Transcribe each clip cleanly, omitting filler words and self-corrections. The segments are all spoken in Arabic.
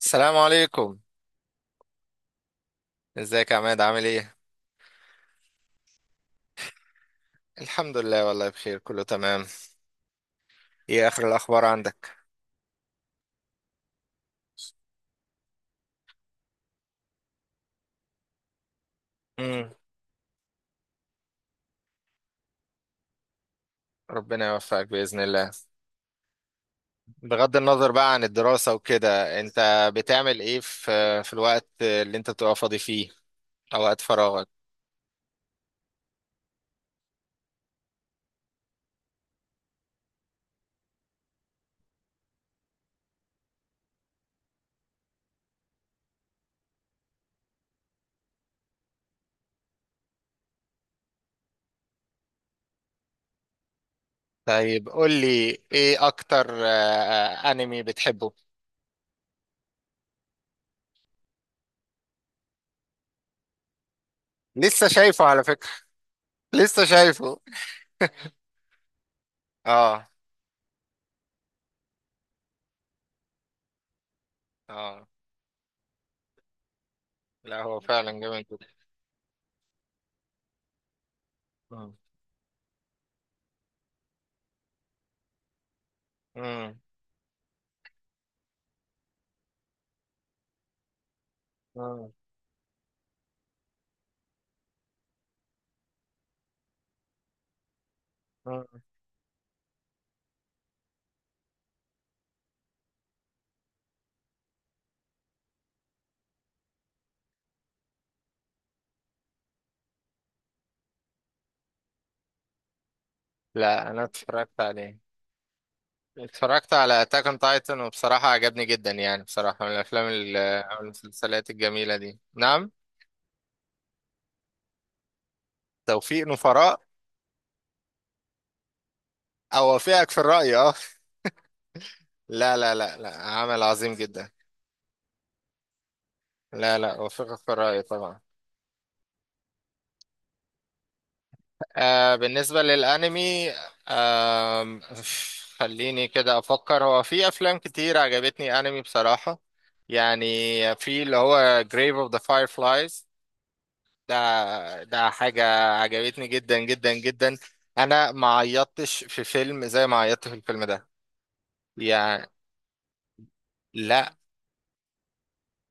السلام عليكم. ازيك يا عماد؟ عامل ايه؟ الحمد لله، والله بخير، كله تمام. ايه اخر الاخبار عندك؟ امم. ربنا يوفقك باذن الله. بغض النظر بقى عن الدراسه وكده، انت بتعمل ايه في الوقت اللي انت بتبقى فاضي فيه، او وقت فراغك؟ طيب قول لي ايه اكتر انمي بتحبه؟ لسه شايفه على فكره. لسه شايفه. اه اه. لا، هو فعلا جامد جدا. مم. مم. مم. مم. لا، انا اتفرجت عليه. اتفرجت على اتاك اون تايتن وبصراحة عجبني جدا، يعني بصراحة من الافلام او المسلسلات الجميلة دي. نعم. توفيق نفراء. اوافقك في الرأي، اه. لا لا لا لا، عمل عظيم جدا. لا لا، اوافقك في الرأي طبعا. بالنسبة للانمي، آه خليني كده افكر. هو في افلام كتير عجبتني، انمي بصراحة يعني، في اللي هو Grave of the Fireflies. ده حاجة عجبتني جدا جدا جدا. انا ما عيطتش في فيلم زي ما عيطت في الفيلم ده، يعني. لا،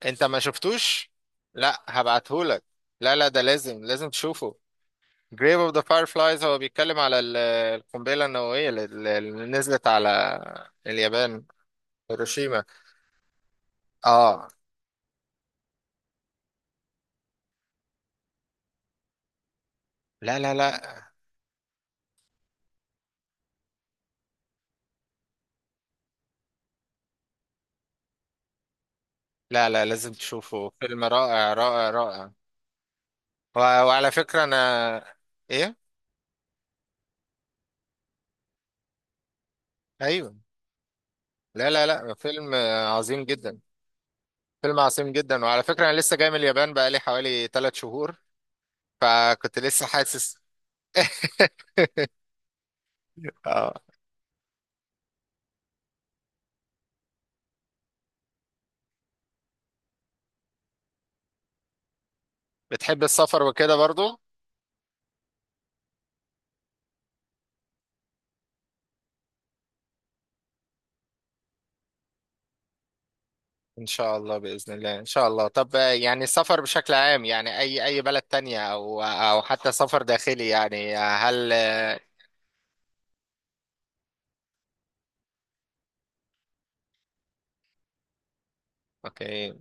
انت ما شفتوش. لا هبعتهولك. لا لا، ده لازم لازم تشوفه. Grave of the Fireflies هو بيتكلم على القنبلة النووية اللي نزلت على اليابان، هيروشيما. اه. لا لا لا لا لا، لازم تشوفه، فيلم رائع رائع رائع. و- وعلى فكرة انا ايه. ايوه. لا لا لا، فيلم عظيم جدا، فيلم عظيم جدا. وعلى فكرة أنا لسه جاي من اليابان، بقالي حوالي 3 شهور، فكنت لسه حاسس. اه. بتحب السفر وكده برضو؟ إن شاء الله، بإذن الله، إن شاء الله. طب يعني السفر بشكل عام، يعني أي بلد تانية أو حتى سفر داخلي، يعني هل. أوكي.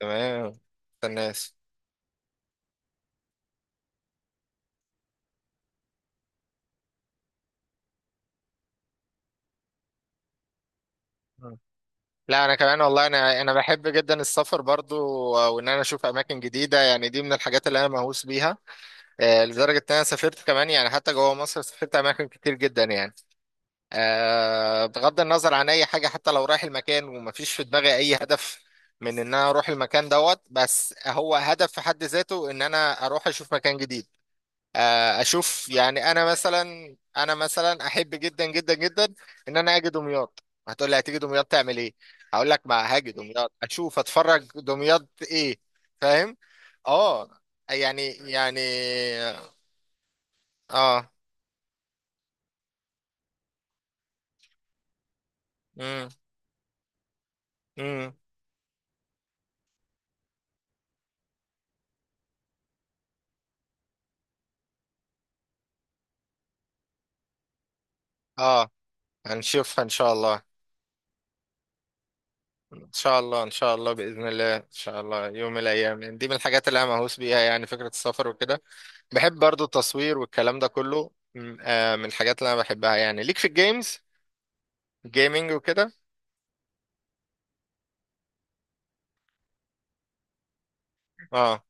تمام. الناس. لا، انا كمان والله، انا بحب جدا السفر برضو، وان انا اشوف اماكن جديده، يعني دي من الحاجات اللي انا مهووس بيها. لدرجة إن أنا سافرت كمان، يعني حتى جوه مصر سافرت أماكن كتير جدا يعني. بغض النظر عن أي حاجة، حتى لو رايح المكان ومفيش في دماغي أي هدف من إن أنا أروح المكان دوت، بس هو هدف في حد ذاته إن أنا أروح أشوف مكان جديد. أشوف يعني أنا مثلا أحب جدا جدا جدا إن أنا أجي دمياط. هتقول لي هتيجي دمياط تعمل إيه؟ هقول لك ما هاجي دمياط أشوف أتفرج دمياط إيه. فاهم؟ آه. يعني يعني. اه. امم. امم. اه. هنشوفها ان شاء الله. ان شاء الله، ان شاء الله باذن الله ان شاء الله، يوم من الايام، يعني دي من الحاجات اللي انا مهووس بيها، يعني فكره السفر وكده. بحب برضو التصوير والكلام ده كله، من الحاجات اللي انا بحبها، يعني ليك في الجيمز، جيمنج وكده. اه.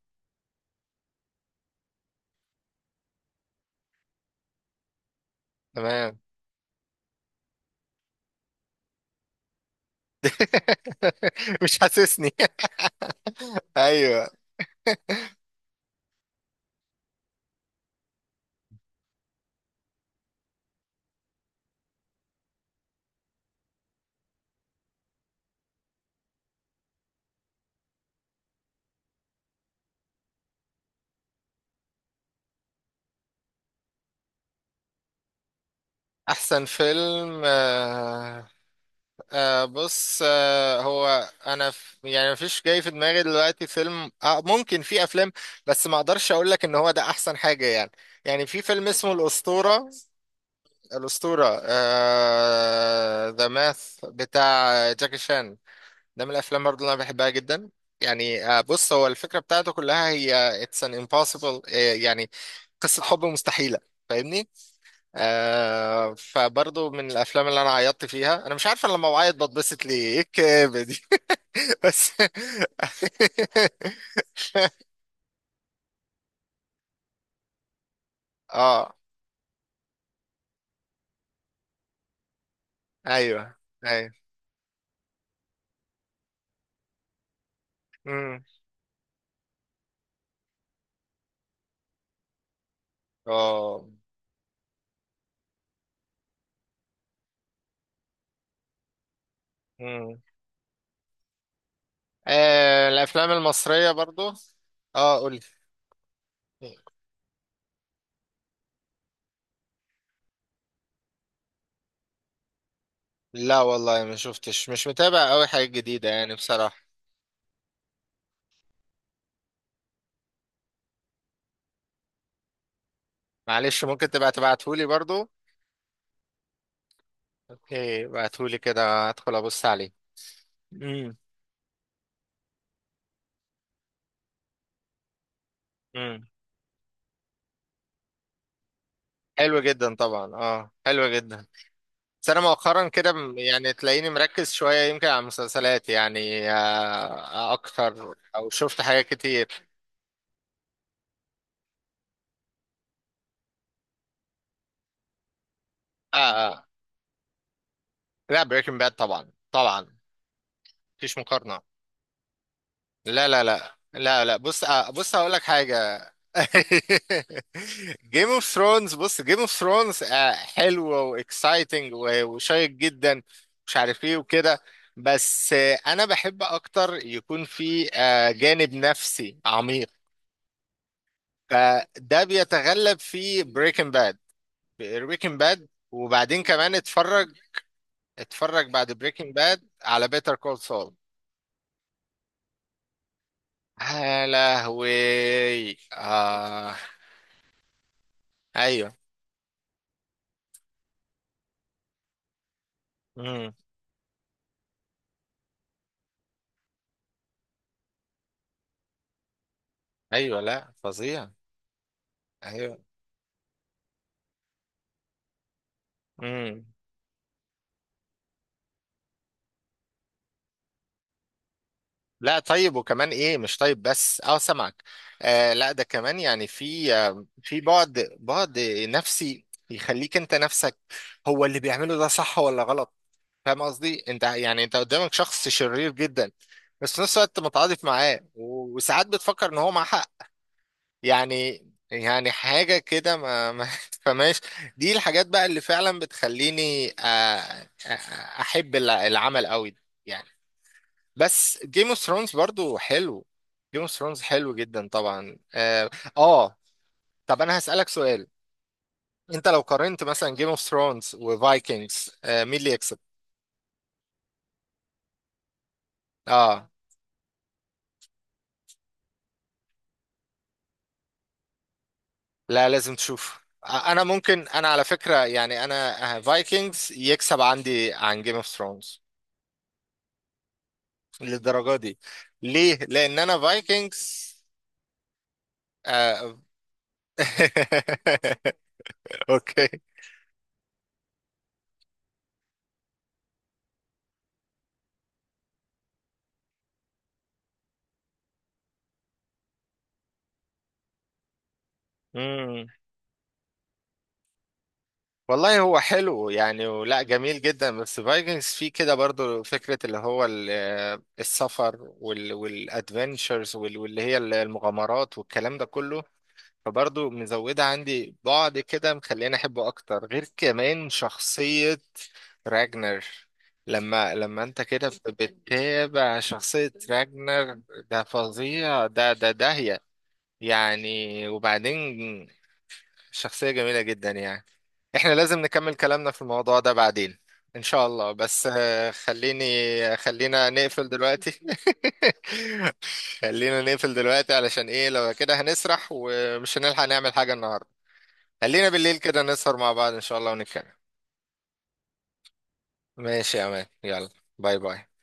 تمام. مش حاسسني. ايوه. احسن فيلم؟ بص، هو انا يعني مفيش جاي في دماغي دلوقتي فيلم، ممكن في افلام، بس ما اقدرش اقول لك ان هو ده احسن حاجة يعني. يعني في فيلم اسمه الاسطورة، الاسطورة. ذا ماث بتاع جاكي شان، ده من الافلام برضه اللي انا بحبها جدا. يعني بص، هو الفكرة بتاعته كلها هي اتس ان امبوسيبل، يعني قصة حب مستحيلة، فاهمني؟ فبرضه من الافلام اللي انا عيطت فيها. انا مش عارف انا لما بعيط بتبسط ليه، ايه الكآبة دي. بس. اه. ايوه، ايوه. امم. اه. امم. الافلام المصرية برضه. اه قولي. لا والله ما شفتش، مش متابع قوي حاجة جديدة يعني بصراحة. معلش ممكن تبقى تبعتهولي برضو. اوكي، بعتهولي كده هدخل ابص عليه. امم. امم. حلو جدا طبعا، اه حلو جدا. بس انا مؤخرا كده يعني تلاقيني مركز شوية يمكن على المسلسلات، يعني اكتر، او شفت حاجات كتير. آه آه. لا، بريكنج باد طبعا طبعا، مفيش مقارنة. لا لا لا لا لا، بص، بص هقول لك حاجة. جيم اوف ثرونز، بص جيم اوف ثرونز حلو واكسايتنج وشيق جدا، مش عارف ايه وكده، بس انا بحب اكتر يكون في جانب نفسي عميق، فده بيتغلب في بريكنج باد. بريكنج باد، وبعدين كمان اتفرج اتفرج بعد بريكنج باد على بيتر كول سول. يا لهوي. آه. ايوه. امم. ايوه، لا فظيع. ايوه. امم. لا طيب، وكمان ايه؟ مش طيب بس، اه سمعك. لا، ده كمان يعني في بعد نفسي يخليك انت نفسك هو اللي بيعمله ده صح ولا غلط. فاهم قصدي انت؟ يعني انت قدامك شخص شرير جدا، بس في نفس الوقت متعاطف معاه وساعات بتفكر ان هو معاه حق، يعني يعني حاجة كده ما ما تفهمهاش. دي الحاجات بقى اللي فعلا بتخليني احب العمل قوي يعني. بس جيم اوف ثرونز برضو حلو، جيم اوف ثرونز حلو جدا طبعا، اه. آه، طب انا هسألك سؤال. انت لو قارنت مثلا جيم اوف ثرونز وفايكنجز، مين اللي يكسب؟ اه. لا لازم تشوف، انا ممكن انا على فكرة يعني انا فايكنجز يكسب عندي عن جيم اوف ثرونز. للدرجة دي؟ ليه؟ لان انا فايكنجز آه... اوكي. مم. والله هو حلو يعني ولا جميل جدا، بس فايكنجز فيه كده برضو فكرة اللي هو السفر والادفنتشرز واللي هي المغامرات والكلام ده كله، فبرضه مزودة عندي بعد كده، مخليني أحبه أكتر، غير كمان شخصية راجنر. لما أنت كده بتتابع شخصية راجنر، ده فظيع، ده داهية يعني. وبعدين شخصية جميلة جدا يعني. احنا لازم نكمل كلامنا في الموضوع ده بعدين ان شاء الله، بس خلينا نقفل دلوقتي. خلينا نقفل دلوقتي علشان ايه؟ لو كده هنسرح ومش هنلحق نعمل حاجة النهاردة. خلينا بالليل كده نسهر مع بعض ان شاء الله ونتكلم. ماشي يا مان، يلا. باي باي.